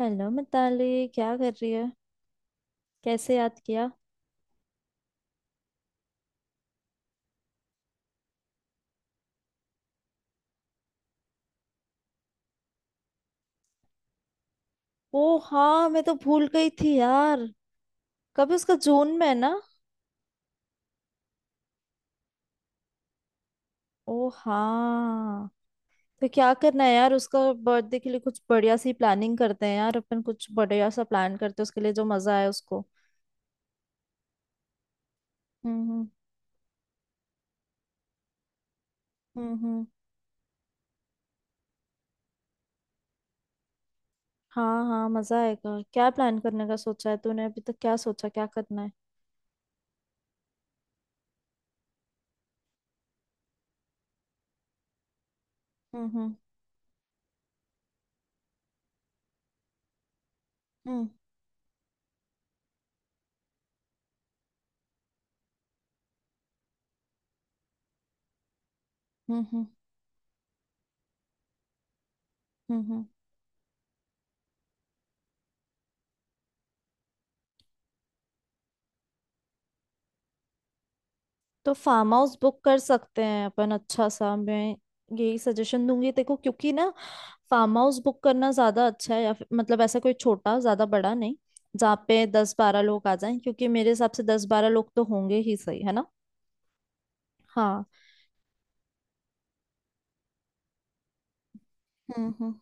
Hello Mitali, क्या कर रही है? कैसे याद किया? ओ हाँ, मैं तो भूल गई थी यार। कभी उसका जून में है ना? ओ हाँ। तो क्या करना है यार? उसका बर्थडे के लिए कुछ बढ़िया सी प्लानिंग करते हैं यार। अपन कुछ बढ़िया सा प्लान करते हैं उसके लिए, जो मजा आए उसको। हम्म, हम्म, हम्म, हम्म। हाँ हाँ, मजा आएगा। क्या प्लान करने का सोचा है तूने? अभी तक क्या सोचा, क्या करना है? हम्म, हम्म, हम्म, हम्म, हम्म, हम्म, तो फार्म हाउस बुक कर सकते हैं अपन अच्छा सा। मैं यही सजेशन दूंगी, देखो क्योंकि ना, फार्म हाउस बुक करना ज्यादा अच्छा है, या फिर मतलब ऐसा कोई छोटा, ज्यादा बड़ा नहीं, जहाँ पे 10-12 लोग आ जाएं। क्योंकि मेरे हिसाब से 10-12 लोग तो होंगे ही, सही है ना? हाँ। हम्म, हम्म।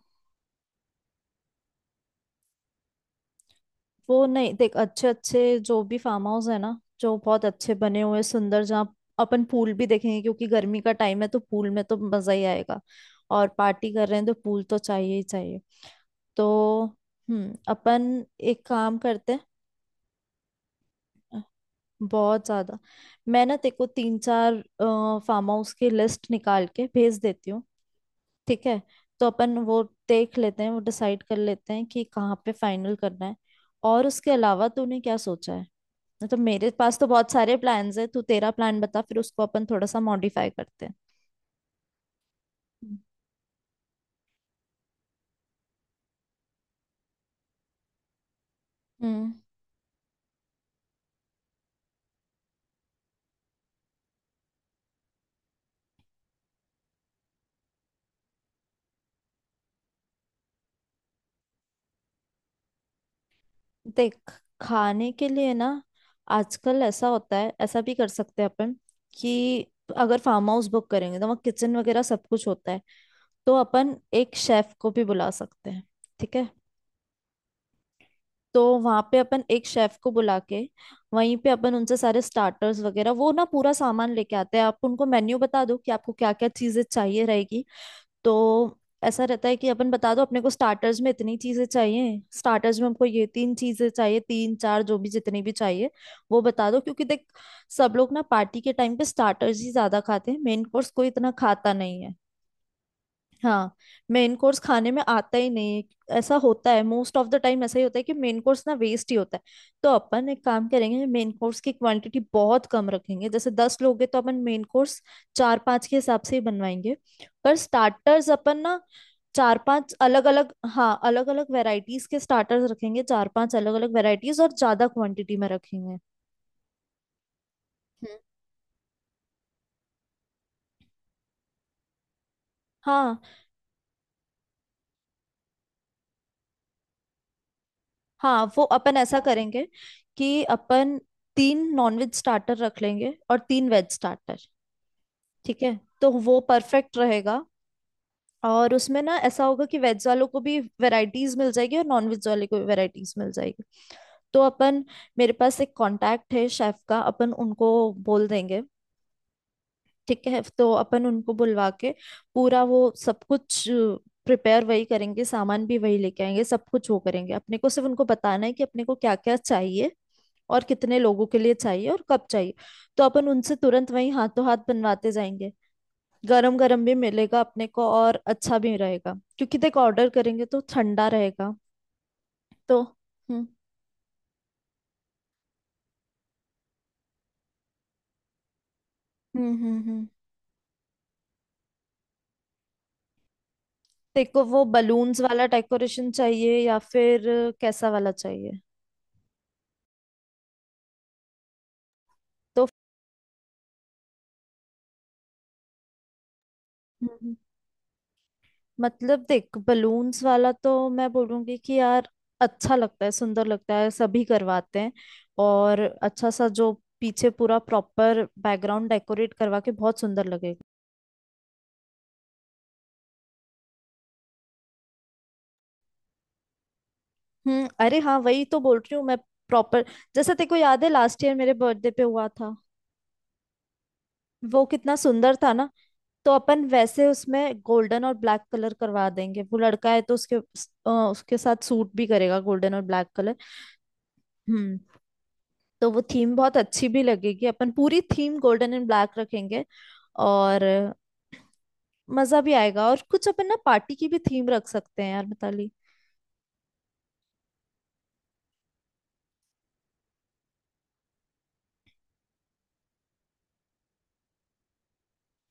वो नहीं, देख अच्छे अच्छे जो भी फार्म हाउस है ना, जो बहुत अच्छे बने हुए सुंदर, जहाँ अपन पूल भी देखेंगे, क्योंकि गर्मी का टाइम है, तो पूल में तो मजा ही आएगा। और पार्टी कर रहे हैं तो पूल तो चाहिए ही चाहिए। तो अपन एक काम करते हैं। बहुत ज्यादा। मैं ना तेको तीन चार फार्म हाउस की लिस्ट निकाल के भेज देती हूँ। ठीक है। तो अपन वो देख लेते हैं, वो डिसाइड कर लेते हैं कि कहाँ पे फाइनल करना है। और उसके अलावा तूने क्या सोचा है? नहीं तो मेरे पास तो बहुत सारे प्लान्स हैं। तू तेरा प्लान बता, फिर उसको अपन थोड़ा सा मॉडिफाई करते हैं। हम्म देख, खाने के लिए ना आजकल ऐसा होता है, ऐसा भी कर सकते हैं अपन, कि अगर फार्म हाउस बुक करेंगे तो वहाँ किचन वगैरह सब कुछ होता है। तो अपन एक शेफ को भी बुला सकते हैं। ठीक है, तो वहां पे अपन एक शेफ को बुला के वहीं पे अपन उनसे सारे स्टार्टर्स वगैरह, वो ना पूरा सामान लेके आते हैं, आप उनको मेन्यू बता दो कि आपको क्या क्या चीजें चाहिए रहेगी। तो ऐसा रहता है कि अपन बता दो, अपने को स्टार्टर्स में इतनी चीजें चाहिए, स्टार्टर्स में हमको ये तीन चीजें चाहिए, तीन चार जो भी जितनी भी चाहिए, वो बता दो, क्योंकि देख, सब लोग ना पार्टी के टाइम पे स्टार्टर्स ही ज्यादा खाते हैं, मेन कोर्स कोई इतना खाता नहीं है। हाँ, मेन कोर्स खाने में आता ही नहीं है, ऐसा होता है। मोस्ट ऑफ द टाइम ऐसा ही होता है कि मेन कोर्स ना वेस्ट ही होता है। तो अपन एक काम करेंगे, मेन कोर्स की क्वांटिटी बहुत कम रखेंगे। जैसे 10 लोग हैं तो अपन मेन कोर्स चार पांच के हिसाब से ही बनवाएंगे। पर स्टार्टर्स अपन ना चार पांच अलग अलग, हाँ अलग अलग वेराइटीज के स्टार्टर्स रखेंगे, चार पांच अलग अलग वेराइटीज और ज्यादा क्वांटिटी में रखेंगे। हम्म। हाँ हाँ, वो अपन ऐसा करेंगे कि अपन तीन नॉनवेज स्टार्टर रख लेंगे और तीन वेज स्टार्टर। ठीक है, तो वो परफेक्ट रहेगा। और उसमें ना ऐसा होगा कि वेज वालों को भी वैरायटीज मिल जाएगी और नॉन वेज वाले को भी वैरायटीज मिल जाएगी। तो अपन, मेरे पास एक कांटेक्ट है शेफ का, अपन उनको बोल देंगे। ठीक है, तो अपन उनको बुलवा के पूरा वो सब कुछ प्रिपेयर वही करेंगे, सामान भी वही लेके आएंगे, सब कुछ वो करेंगे। अपने को सिर्फ उनको बताना है कि अपने को क्या क्या चाहिए, और कितने लोगों के लिए चाहिए, और कब चाहिए। तो अपन उनसे तुरंत वही हाथों हाथ बनवाते जाएंगे, गरम गरम भी मिलेगा अपने को और अच्छा भी रहेगा, क्योंकि देखो ऑर्डर करेंगे तो ठंडा रहेगा। तो हम्म, हम्म, हम्म, तेरे को वो बलून्स वाला डेकोरेशन चाहिए या फिर कैसा वाला चाहिए? तो हम्म। मतलब देख, बलून्स वाला तो मैं बोलूंगी कि यार अच्छा लगता है, सुंदर लगता है, सभी करवाते हैं, और अच्छा सा जो पीछे पूरा प्रॉपर बैकग्राउंड डेकोरेट करवा के बहुत सुंदर लगेगा। अरे हाँ, वही तो बोल रही हूँ मैं, प्रॉपर। जैसे तेको याद है लास्ट ईयर मेरे बर्थडे पे हुआ था, वो कितना सुंदर था ना। तो अपन वैसे उसमें गोल्डन और ब्लैक कलर करवा देंगे, वो लड़का है तो उसके, उसके साथ सूट भी करेगा गोल्डन और ब्लैक कलर। हम्म तो वो थीम बहुत अच्छी भी लगेगी, अपन पूरी थीम गोल्डन एंड ब्लैक रखेंगे। और मजा भी आएगा। और कुछ अपन ना पार्टी की भी थीम रख सकते हैं यार मिताली।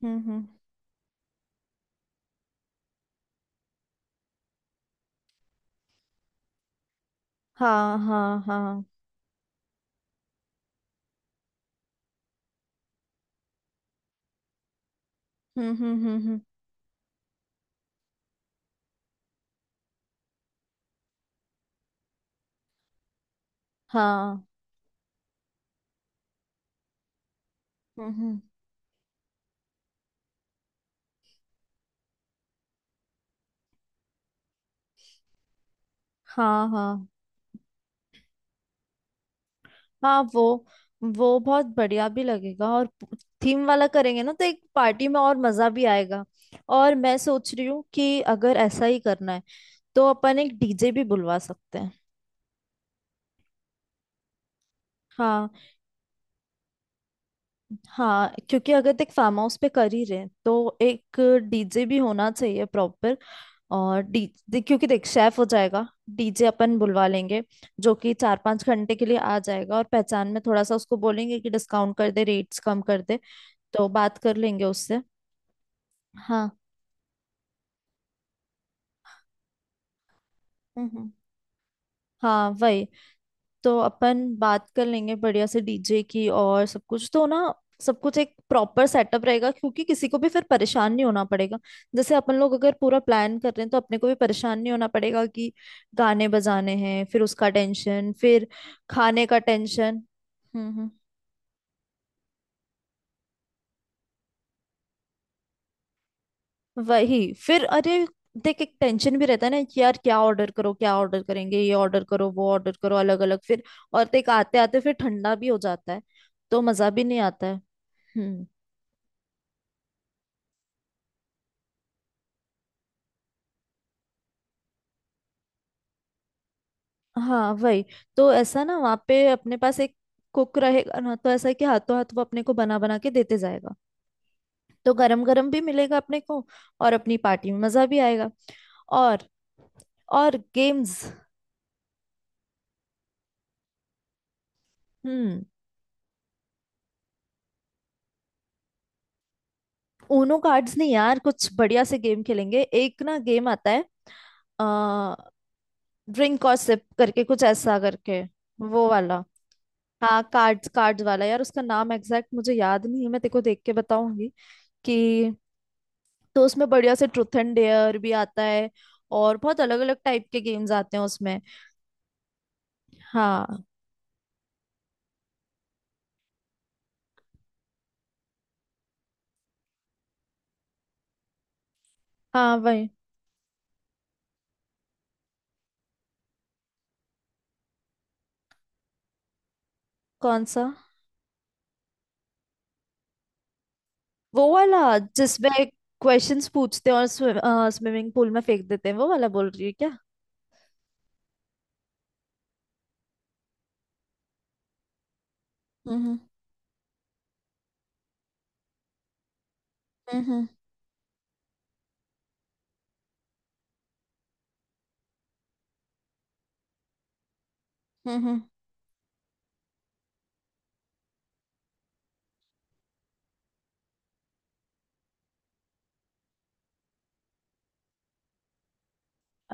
हम्म, हम्म। हाँ हाँ हाँ। हम्म, हम्म, हम्म, हम्म। हाँ। हम्म, हम्म। हाँ हाँ हाँ। वो बहुत बढ़िया भी लगेगा। और थीम वाला करेंगे ना, तो एक पार्टी में और मजा भी आएगा। और मैं सोच रही हूँ कि अगर ऐसा ही करना है, तो अपन एक डीजे भी बुलवा सकते हैं। हाँ हाँ, क्योंकि अगर देख फार्म हाउस पे कर ही रहे हैं, तो एक डीजे भी होना चाहिए प्रॉपर। और क्योंकि देख शेफ हो जाएगा, डीजे अपन बुलवा लेंगे जो कि 4-5 घंटे के लिए आ जाएगा, और पहचान में थोड़ा सा उसको बोलेंगे कि डिस्काउंट कर दे, रेट्स कम कर दे। तो बात कर लेंगे उससे। हाँ। हम्म। हाँ वही। तो अपन बात कर लेंगे बढ़िया से डीजे की, और सब कुछ तो ना, सब कुछ एक प्रॉपर सेटअप रहेगा, क्योंकि किसी को भी फिर परेशान नहीं होना पड़ेगा। जैसे अपन लोग अगर पूरा प्लान कर रहे हैं तो अपने को भी परेशान नहीं होना पड़ेगा कि गाने बजाने हैं, फिर उसका टेंशन, फिर खाने का टेंशन। हम्म, हम्म। वही फिर, अरे देख, एक टेंशन भी रहता है ना कि यार क्या ऑर्डर करो, क्या ऑर्डर करेंगे, ये ऑर्डर करो, वो ऑर्डर करो, अलग अलग फिर। और देख आते आते फिर ठंडा भी हो जाता है, तो मजा भी नहीं आता है। हम्म। हाँ वही। तो ऐसा ना वहाँ पे अपने पास एक कुक रहेगा ना, तो ऐसा है कि हाथों हाथ वो अपने को बना बना के देते जाएगा। तो गरम गरम भी मिलेगा अपने को, और अपनी पार्टी में मजा भी आएगा। और और गेम्स। हम्म ऊनो कार्ड्स नहीं यार, कुछ बढ़िया से गेम खेलेंगे। एक ना गेम आता है, ड्रिंक और सिप करके कुछ ऐसा करके, वो वाला। हाँ, कार्ड्स कार्ड्स वाला यार, उसका नाम एग्जैक्ट मुझे याद नहीं है, मैं तेरे को देख के बताऊंगी कि। तो उसमें बढ़िया से ट्रूथ एंड डेयर भी आता है, और बहुत अलग अलग टाइप के गेम्स आते हैं उसमें। हाँ हाँ वही। कौन सा? वो वाला जिसमें क्वेश्चंस पूछते हैं और स्विमिंग पूल में फेंक देते हैं, वो वाला बोल रही है क्या? हम्म, हम्म, हम्म, हम्म, हम्म।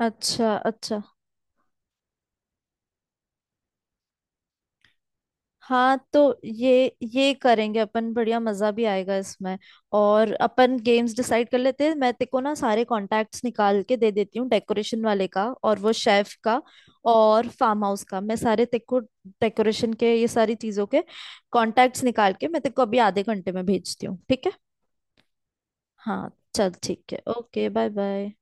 अच्छा अच्छा। हाँ तो, ये ये करेंगे अपन, बढ़िया मजा भी आएगा इसमें। और अपन गेम्स डिसाइड कर लेते हैं। मैं तेको ना सारे कॉन्टैक्ट्स निकाल के दे देती हूँ, डेकोरेशन वाले का और वो शेफ का, और फार्म हाउस का। मैं सारे तेको डेकोरेशन के, ये सारी चीजों के कॉन्टैक्ट्स निकाल के मैं तेको अभी आधे घंटे में भेजती हूँ। ठीक है? हाँ, चल ठीक है, ओके, बाय बाय।